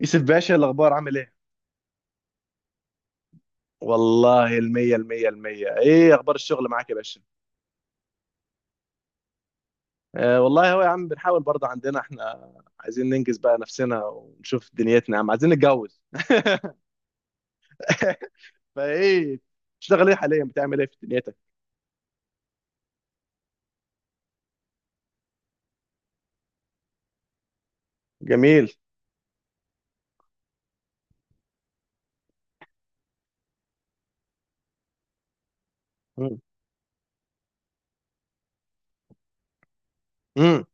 يوسف باشا، الأخبار عامل إيه؟ والله المية المية. إيه أخبار الشغل معاك يا باشا؟ آه والله، هو يا عم بنحاول برضه عندنا إحنا، عايزين ننجز بقى نفسنا ونشوف دنيتنا يا عم، عايزين نتجوز. فإيه، بتشتغل إيه حاليا، بتعمل إيه في دنيتك؟ جميل. مم. مم.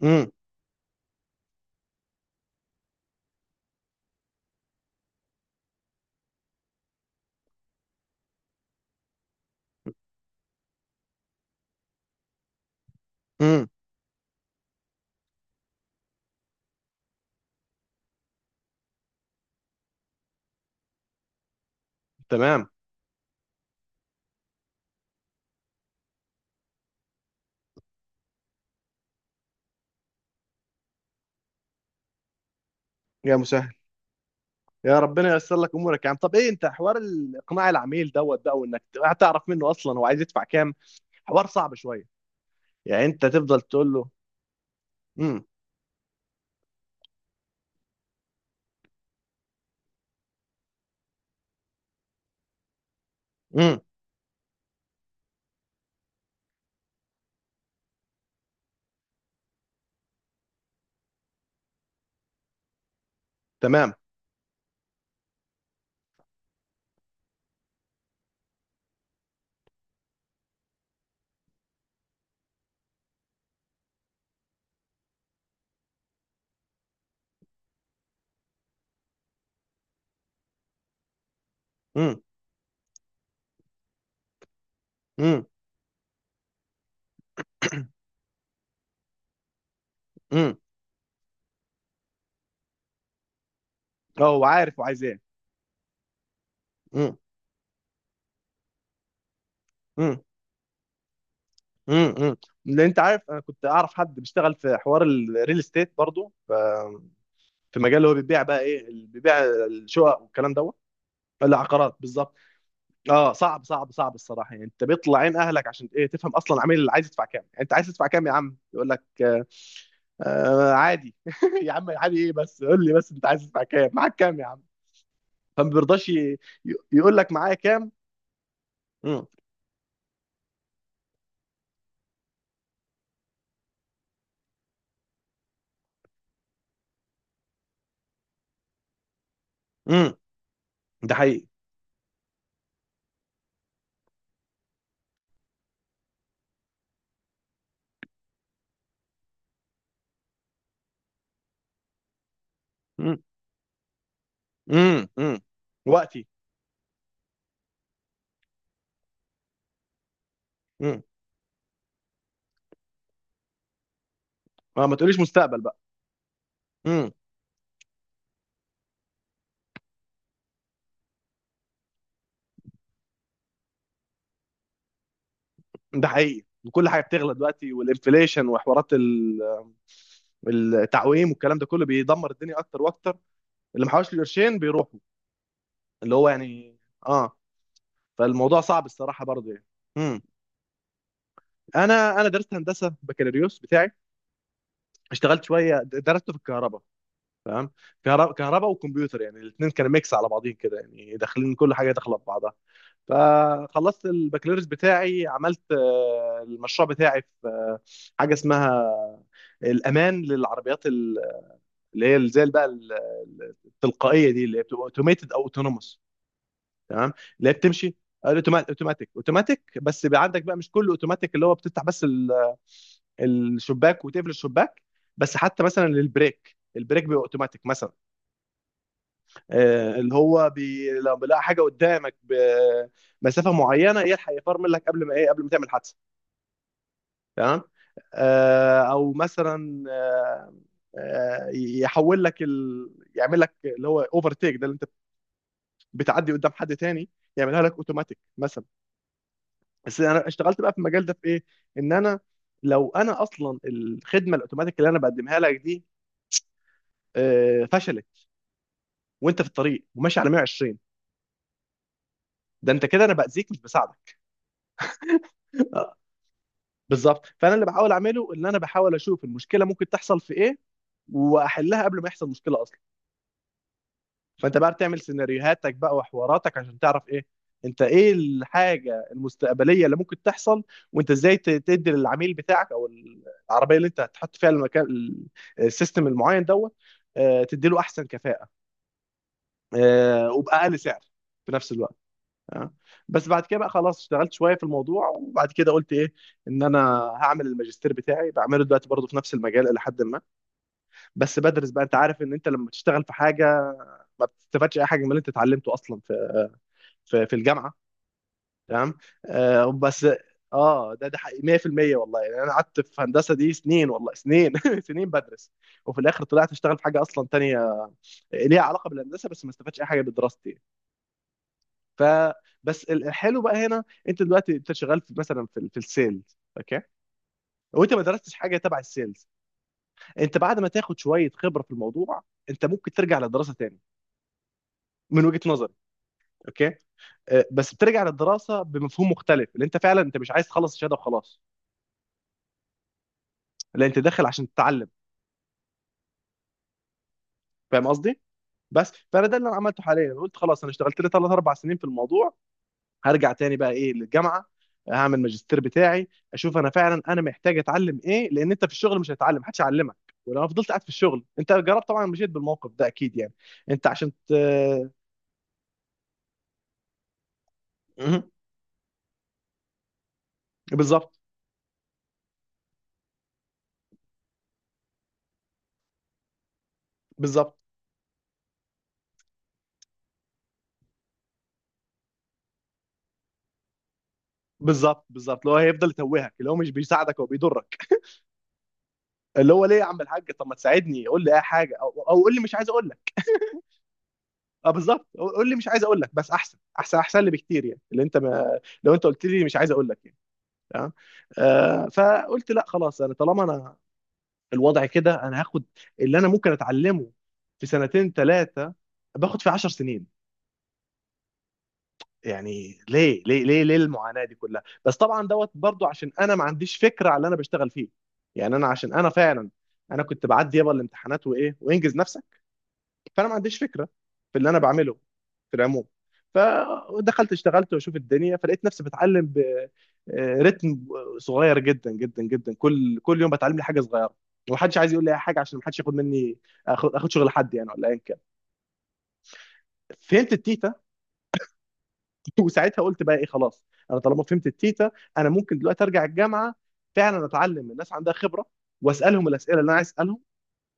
مم. مم. تمام. يا مسهل. يا ربنا ييسر لك امورك يا عم. طب ايه، انت حوار اقناع العميل دوت بقى، وانك تعرف منه اصلا هو عايز يدفع كام، حوار صعب شويه. يعني انت تفضل تقول له، امم. امم. تمام. امم. امم. امم. اه هو عارف وعايز ايه. امم. امم. امم. امم. لان انت عارف، انا كنت اعرف حد بيشتغل في حوار الريل استيت برضه، في مجال اللي هو بيبيع بقى، ايه اللي بيبيع؟ الشقق والكلام دوت. العقارات بالظبط. اه، صعب صعب صعب الصراحه يعني، انت بيطلع عين اهلك عشان ايه؟ تفهم اصلا العميل اللي عايز يدفع كام. يعني انت عايز تدفع كام يا عم؟ يقول لك آه. آه عادي. يا عم عادي ايه؟ بس قول لي، بس انت عايز تدفع كام، معاك كام يا عم؟ فما بيرضاش يقول لك معايا كام. امم. امم. ده حقيقي. مم. مم. مم. وقتي. مم. ما تقوليش مستقبل بقى. مم. ده حقيقي. وكل حاجه بتغلى دلوقتي، والانفليشن وحوارات التعويم، والكلام ده كله بيدمر الدنيا اكتر واكتر. اللي محوش له قرشين بيروحوا، اللي هو يعني. اه. فالموضوع صعب الصراحه برضه يعني. مم. انا درست هندسه بكالوريوس بتاعي. اشتغلت شويه، درسته في الكهرباء. تمام. كهرباء وكمبيوتر، يعني الاثنين كانوا ميكس على بعضين كده، يعني داخلين كل حاجه داخله في بعضها. فخلصت البكالوريوس بتاعي، عملت المشروع بتاعي في حاجه اسمها الامان للعربيات اللي هي زي بقى التلقائيه دي، اللي هي بتبقى اوتوميتد او اوتونوموس. تمام. اللي هي بتمشي اوتوماتيك اوتوماتيك. بس بيبقى عندك بقى مش كله اوتوماتيك، اللي هو بتفتح بس الشباك وتقفل الشباك. بس حتى مثلا للبريك، البريك بيبقى اوتوماتيك مثلا. اللي هو لما بيلاقي حاجه قدامك بمسافه معينه، يلحق يفرمل لك قبل ما ايه، قبل ما تعمل حادثه. تمام. او مثلا يحول لك يعمل لك اللي هو اوفر تيك، ده اللي انت بتعدي قدام حد تاني، يعملها لك اوتوماتيك مثلا. بس انا اشتغلت بقى في المجال ده في ايه، ان انا، لو انا اصلا الخدمه الاوتوماتيك اللي انا بقدمها لك دي فشلت، وانت في الطريق وماشي على 120، ده انت كده انا باذيك مش بساعدك. بالظبط. فانا اللي بحاول اعمله ان انا بحاول اشوف المشكله ممكن تحصل في ايه، واحلها قبل ما يحصل مشكله اصلا. فانت بقى بتعمل سيناريوهاتك بقى وحواراتك عشان تعرف ايه، انت ايه الحاجه المستقبليه اللي ممكن تحصل، وانت ازاي تدي للعميل بتاعك، او العربيه اللي انت هتحط فيها المكان السيستم المعين دوت، تدي له احسن كفاءه وباقل سعر في نفس الوقت. اه. بس بعد كده بقى خلاص، اشتغلت شويه في الموضوع، وبعد كده قلت ايه، ان انا هعمل الماجستير بتاعي، بعمله دلوقتي برضه في نفس المجال الى حد ما. بس بدرس بقى، انت عارف ان انت لما تشتغل في حاجه، ما بتستفادش اي حاجه من اللي انت اتعلمته اصلا في في الجامعه. تمام. آه بس. اه، ده حقيقي 100% والله يعني. انا قعدت في هندسه دي سنين، والله سنين، سنين بدرس، وفي الاخر طلعت اشتغل في حاجه اصلا تانية ليها علاقه بالهندسه، بس ما استفادش اي حاجه بدراستي. ف بس الحلو بقى هنا، انت دلوقتي انت شغال في مثلا في السيلز اوكي، وانت ما درستش حاجه تبع السيلز. انت بعد ما تاخد شويه خبره في الموضوع، انت ممكن ترجع للدراسه تاني، من وجهه نظري. اوكي. بس بترجع للدراسه بمفهوم مختلف، اللي انت فعلا انت مش عايز تخلص الشهاده وخلاص، لا انت داخل عشان تتعلم. فاهم قصدي؟ بس فانا ده اللي انا عملته حاليا. قلت خلاص، انا اشتغلت لي ثلاث اربع سنين في الموضوع، هرجع تاني بقى ايه للجامعه، هعمل ماجستير بتاعي، اشوف انا فعلا انا محتاج اتعلم ايه. لان انت في الشغل مش هتتعلم، محدش هيعلمك، ولو انا فضلت قاعد في الشغل. انت جربت طبعا، مشيت بالموقف ده اكيد يعني، انت عشان مهم. بالظبط. بالظبط بالظبط بالظبط، اللي هو هيفضل يتوهك، اللي هو مش بيساعدك، هو بيضرك. اللي هو ليه يا عم الحاج، طب ما تساعدني، قول لي اي حاجه، او قول لي مش عايز اقول لك. اه بالظبط، قول لي مش عايز اقول لك، بس احسن احسن احسن لي بكتير يعني، اللي انت، ما لو انت قلت لي مش عايز اقول لك يعني. تمام. آه فقلت لا خلاص، انا طالما انا الوضع كده، انا هاخد اللي انا ممكن اتعلمه في سنتين ثلاثه، باخد في عشر سنين يعني. ليه ليه ليه ليه المعاناه دي كلها؟ بس طبعا دوت برضو، عشان انا ما عنديش فكره على اللي انا بشتغل فيه يعني. انا عشان انا فعلا انا كنت بعدي يابا الامتحانات وايه وانجز نفسك. فانا ما عنديش فكره في اللي انا بعمله في العموم. فدخلت اشتغلت واشوف الدنيا، فلقيت نفسي بتعلم برتم صغير جدا جدا جدا، كل يوم بتعلم لي حاجه صغيره. ومحدش عايز يقول لي اي حاجه، عشان محدش ياخد مني، اخد شغل حد يعني، ولا ايا كان. فهمت التيتا. وساعتها قلت بقى ايه، خلاص انا طالما فهمت التيتا، انا ممكن دلوقتي ارجع الجامعه، فعلا اتعلم من الناس عندها خبره، واسالهم الاسئله اللي انا عايز اسالهم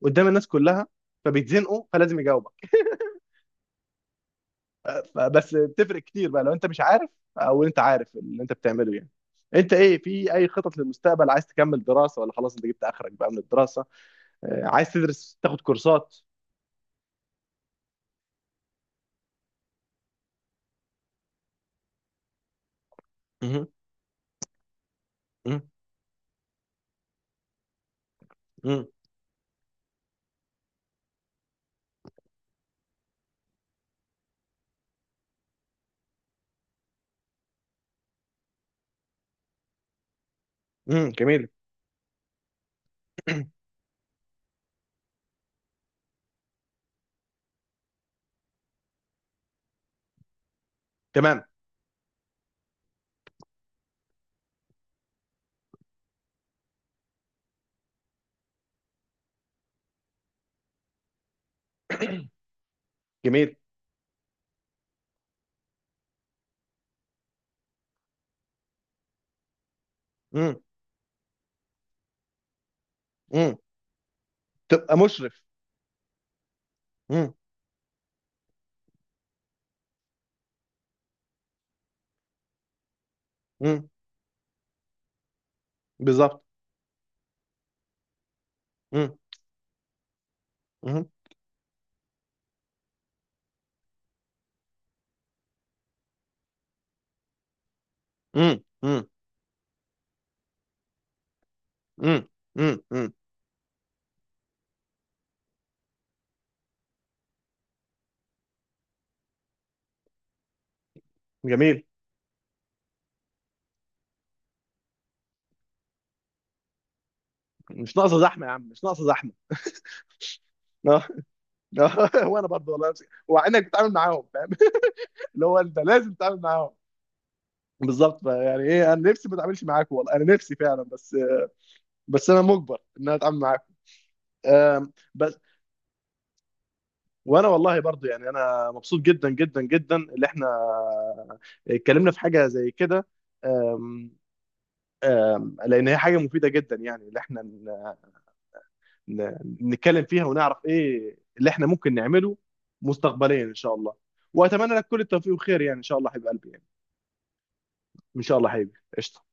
قدام الناس كلها، فبيتزنقوا فلازم يجاوبك. فبس بتفرق كتير بقى، لو انت مش عارف، او انت عارف اللي انت بتعمله يعني. انت ايه في اي خطط للمستقبل، عايز تكمل دراسة، ولا خلاص انت جبت اخرك بقى من الدراسة؟ عايز تدرس تاخد كورسات؟ مهم. مم. مم. مم. جميل. تمام. جميل. مم. مم. تبقى مشرف. مم. مم. بالظبط. مم. مم. مم. مم. مم. مم. مم. جميل. مش ناقصة زحمة يا عم، مش ناقصة زحمة. وانا برضه والله نفسي، وعينك بتتعامل معاهم فاهم. اللي هو انت لازم تتعامل معاهم. بالظبط بقى، يعني ايه، انا نفسي ما اتعاملش معاكم والله، انا نفسي فعلا بس. بس انا مجبر ان انا اتعامل معاكم. بس. وانا والله برضو يعني، انا مبسوط جدا جدا جدا اللي احنا اتكلمنا في حاجه زي كده. آم، لان هي حاجه مفيده جدا يعني، اللي احنا ن- نتكلم فيها، ونعرف ايه اللي احنا ممكن نعمله مستقبليا ان شاء الله. واتمنى لك كل التوفيق والخير يعني، ان شاء الله حبيب قلبي يعني. ان شاء الله حبيبي. قشطه.